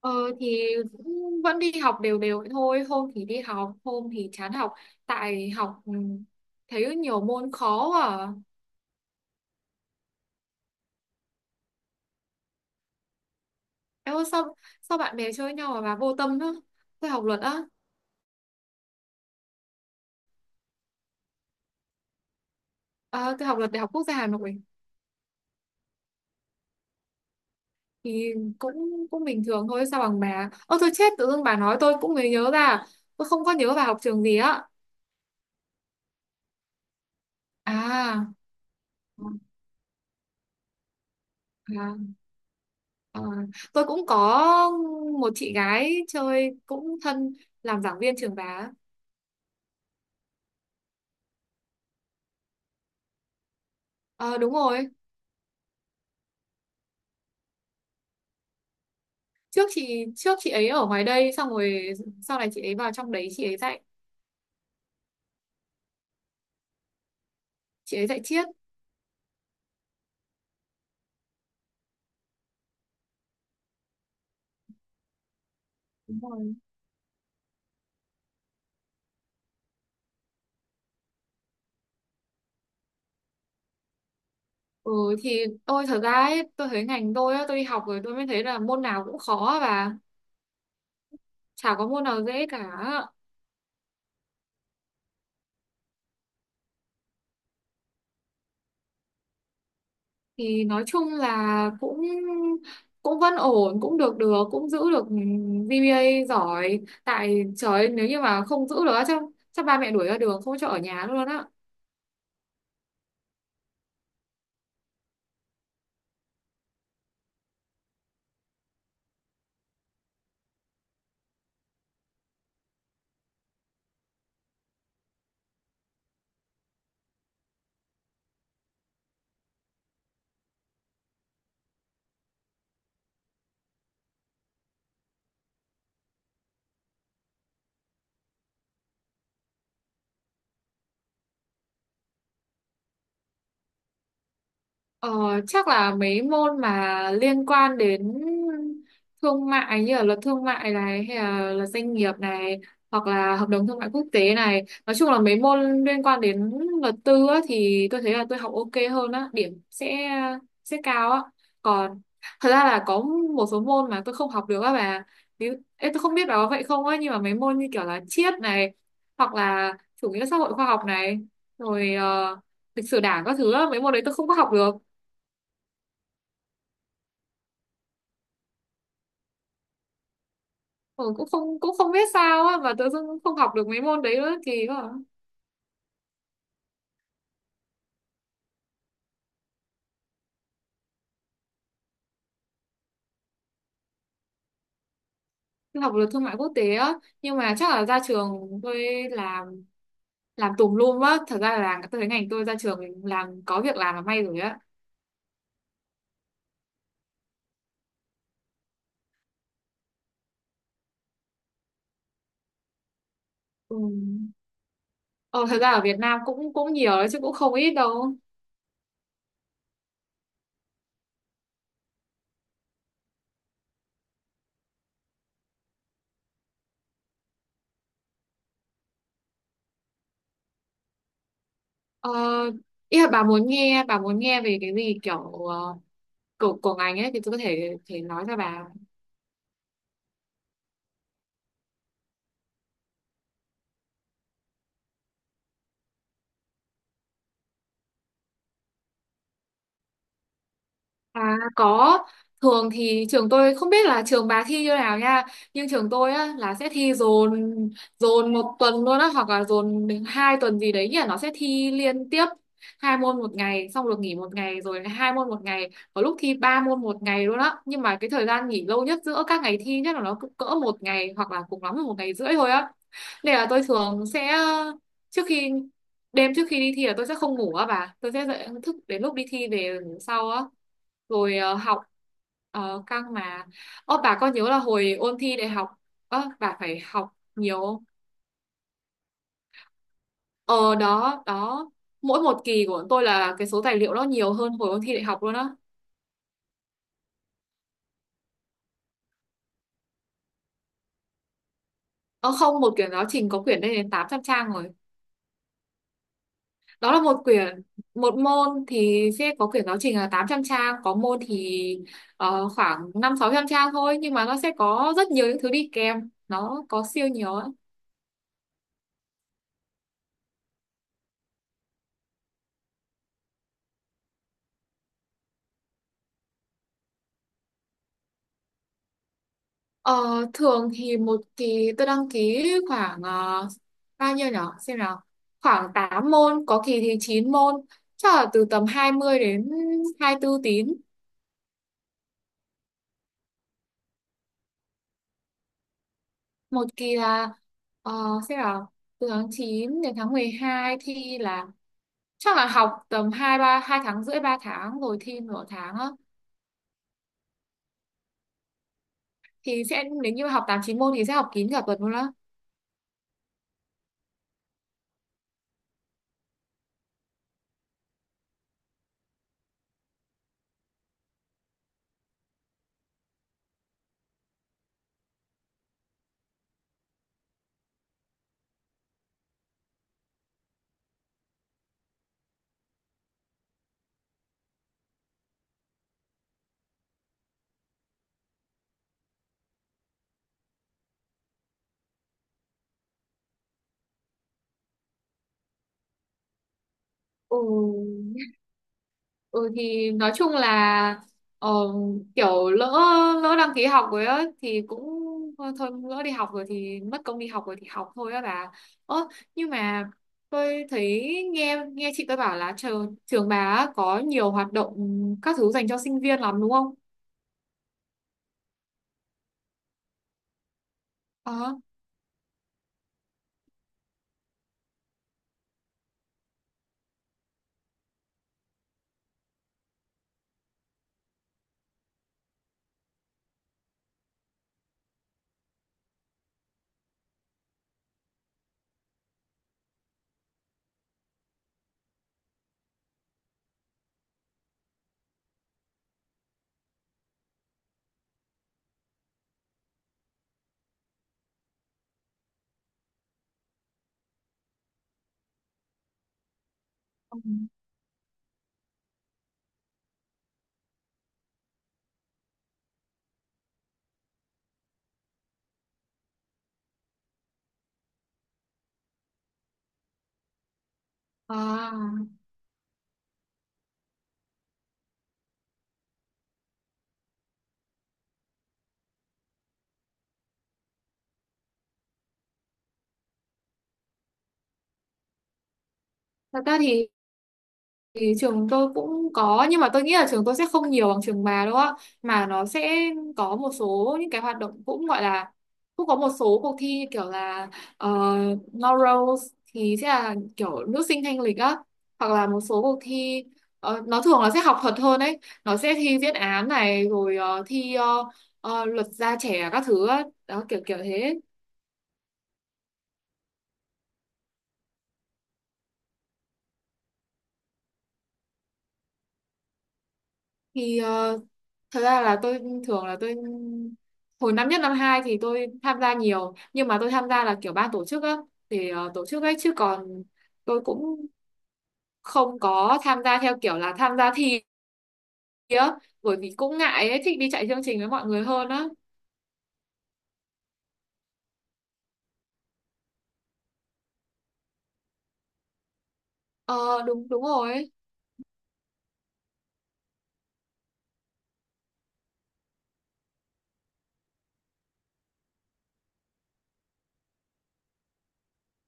Ờ, thì cũng vẫn đi học đều đều vậy thôi. Hôm thì đi học, hôm thì chán học. Tại học, thấy nhiều môn khó à. Em ơi, sao bạn bè chơi nhau mà bà vô tâm á? Tôi học luật á. Tôi học luật Đại học Quốc gia Hà Nội. Thì cũng cũng bình thường thôi. Sao bằng bà. Ơ tôi chết, tự dưng bà nói tôi cũng mới nhớ ra. Tôi không có nhớ bà học trường gì á. À. À, à, tôi cũng có một chị gái chơi cũng thân làm giảng viên trường bà á. Ờ đúng rồi. Trước chị ấy ở ngoài đây xong rồi sau này chị ấy vào trong đấy chị ấy dạy. Chị ấy dạy triết. Đúng rồi. ừ thì tôi thật ra ấy, tôi thấy ngành tôi á, tôi đi học rồi tôi mới thấy là môn nào cũng khó và chả có môn nào dễ cả. Thì nói chung là cũng cũng vẫn ổn, cũng được được cũng giữ được GPA giỏi. Tại trời ơi, nếu như mà không giữ được á, chắc chắc ba mẹ đuổi ra đường không cho ở nhà luôn á. Ờ, chắc là mấy môn mà liên quan đến thương mại như là luật thương mại này hay là luật doanh nghiệp này hoặc là hợp đồng thương mại quốc tế này, nói chung là mấy môn liên quan đến luật tư á, thì tôi thấy là tôi học ok hơn á, điểm sẽ cao á. Còn thật ra là có một số môn mà tôi không học được á bà. Ví Ê, tôi không biết bà có vậy không á nhưng mà mấy môn như kiểu là triết này hoặc là chủ nghĩa xã hội khoa học này rồi lịch sử đảng các thứ á, mấy môn đấy tôi không có học được. Ờ, cũng không biết sao á mà tự dưng cũng không học được mấy môn đấy nữa, kỳ quá à. Tôi học được thương mại quốc tế á nhưng mà chắc là ra trường tôi làm làm tùm lum á. Thật ra là tôi thấy ngành tôi ra trường làm có việc làm là may rồi á. Ừ. Ờ, thật ra ở Việt Nam cũng cũng nhiều đấy chứ cũng không ít đâu. Ờ, ý là bà muốn nghe, bà muốn nghe về cái gì kiểu của ngành ấy thì tôi có thể thể nói cho bà. À có, thường thì trường tôi không biết là trường bà thi như nào nha, nhưng trường tôi á là sẽ thi dồn dồn một tuần luôn á hoặc là dồn đến hai tuần gì đấy nhỉ, nó sẽ thi liên tiếp hai môn một ngày xong được nghỉ một ngày rồi hai môn một ngày, có lúc thi ba môn một ngày luôn á, nhưng mà cái thời gian nghỉ lâu nhất giữa các ngày thi nhất là nó cũng cỡ một ngày hoặc là cùng lắm là một ngày rưỡi thôi á. Nên là tôi thường sẽ trước khi đêm trước khi đi thi là tôi sẽ không ngủ á bà, tôi sẽ dậy thức đến lúc đi thi về ngủ sau á. Rồi học căng mà. Ơ bà có nhớ là hồi ôn thi đại học, ơ bà phải học nhiều không? Ờ đó đó, mỗi một kỳ của bọn tôi là cái số tài liệu nó nhiều hơn hồi ôn thi đại học luôn á. Ờ không, một quyển giáo trình có quyển lên đến 800 trang rồi. Đó là một quyển, một môn thì sẽ có quyển giáo trình là 800 trang, có môn thì ờ, khoảng năm sáu trăm trang thôi nhưng mà nó sẽ có rất nhiều những thứ đi kèm, nó có siêu nhiều ấy. Ờ, thường thì một kỳ tôi đăng ký khoảng bao nhiêu nhở, xem nào, khoảng 8 môn, có kỳ thì 9 môn, chắc là từ tầm 20 đến 24 tín. Một kỳ là ờ, xem nào, từ tháng 9 đến tháng 12 thi là chắc là học tầm hai tháng rưỡi ba tháng rồi thi nửa tháng á. Thì sẽ nếu như học tám chín môn thì sẽ học kín cả tuần luôn á. Ừ, Ừ thì nói chung là ờ, kiểu lỡ lỡ đăng ký học rồi á thì cũng thôi lỡ đi học rồi thì mất công đi học rồi thì học thôi á bà. Ơ nhưng mà tôi thấy nghe nghe chị tôi bảo là trường trường bà á, có nhiều hoạt động các thứ dành cho sinh viên lắm đúng không? Ờ. Ừ. À, thật ra thì trường tôi cũng có nhưng mà tôi nghĩ là trường tôi sẽ không nhiều bằng trường bà đâu á. Mà nó sẽ có một số những cái hoạt động cũng gọi là cũng có một số cuộc thi như kiểu là Laurels thì sẽ là kiểu nữ sinh thanh lịch á, hoặc là một số cuộc thi nó thường là sẽ học thuật hơn ấy, nó sẽ thi diễn án này rồi thi luật gia trẻ các thứ á, đó kiểu kiểu thế. Thì thật ra là tôi thường là tôi hồi năm nhất năm hai thì tôi tham gia nhiều nhưng mà tôi tham gia là kiểu ban tổ chức á, thì tổ chức ấy, chứ còn tôi cũng không có tham gia theo kiểu là tham gia thi á, bởi vì cũng ngại ấy, thích đi chạy chương trình với mọi người hơn á. Ờ đúng đúng rồi.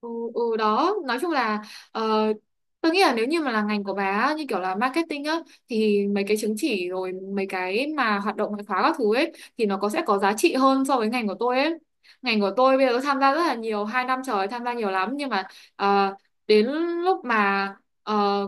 Ừ, ừ đó nói chung là ờ, tôi nghĩ là nếu như mà là ngành của bà á, như kiểu là marketing á, thì mấy cái chứng chỉ rồi mấy cái mà hoạt động ngoại khóa các thứ ấy thì nó có sẽ có giá trị hơn so với ngành của tôi ấy. Ngành của tôi bây giờ tôi tham gia rất là nhiều, hai năm trời tham gia nhiều lắm, nhưng mà ờ, đến lúc mà ờ,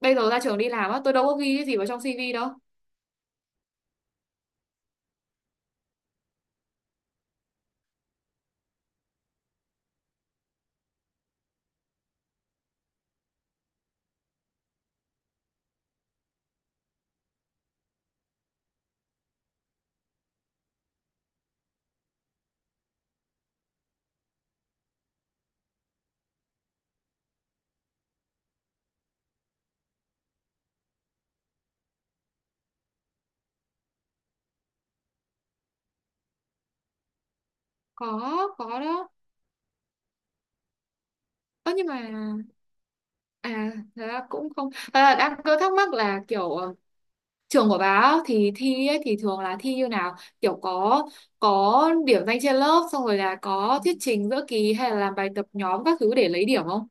bây giờ ra trường đi làm á, tôi đâu có ghi cái gì vào trong CV đâu. có có đó. Ơ nhưng mà à, thật ra cũng không, thật đang cứ thắc mắc là kiểu trường của bà á, thì thi ấy, thì thường là thi như nào, kiểu có điểm danh trên lớp xong rồi là có thuyết trình giữa kỳ hay là làm bài tập nhóm các thứ để lấy điểm không?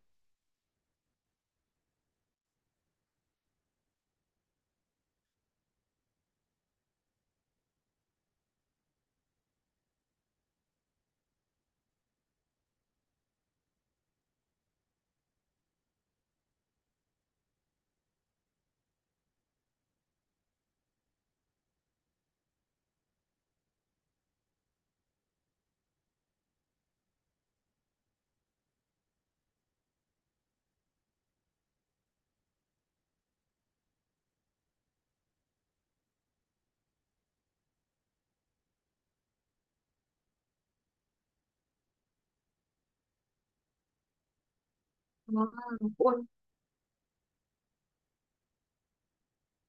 À, ui, ôi.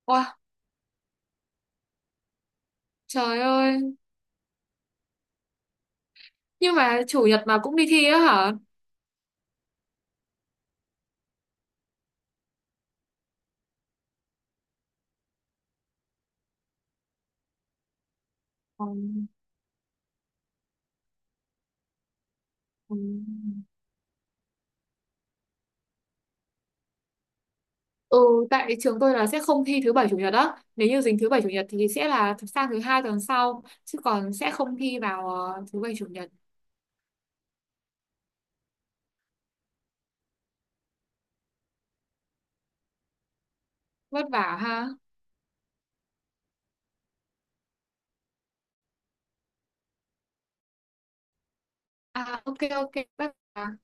Wow, trời ơi, nhưng mà chủ nhật mà cũng đi thi á hả? ừ, ừ. Ừ, tại trường tôi là sẽ không thi thứ bảy chủ nhật á, nếu như dính thứ bảy chủ nhật thì sẽ là sang thứ hai tuần sau chứ còn sẽ không thi vào thứ bảy chủ nhật. Vất vả ha. À ok ok, vất vả.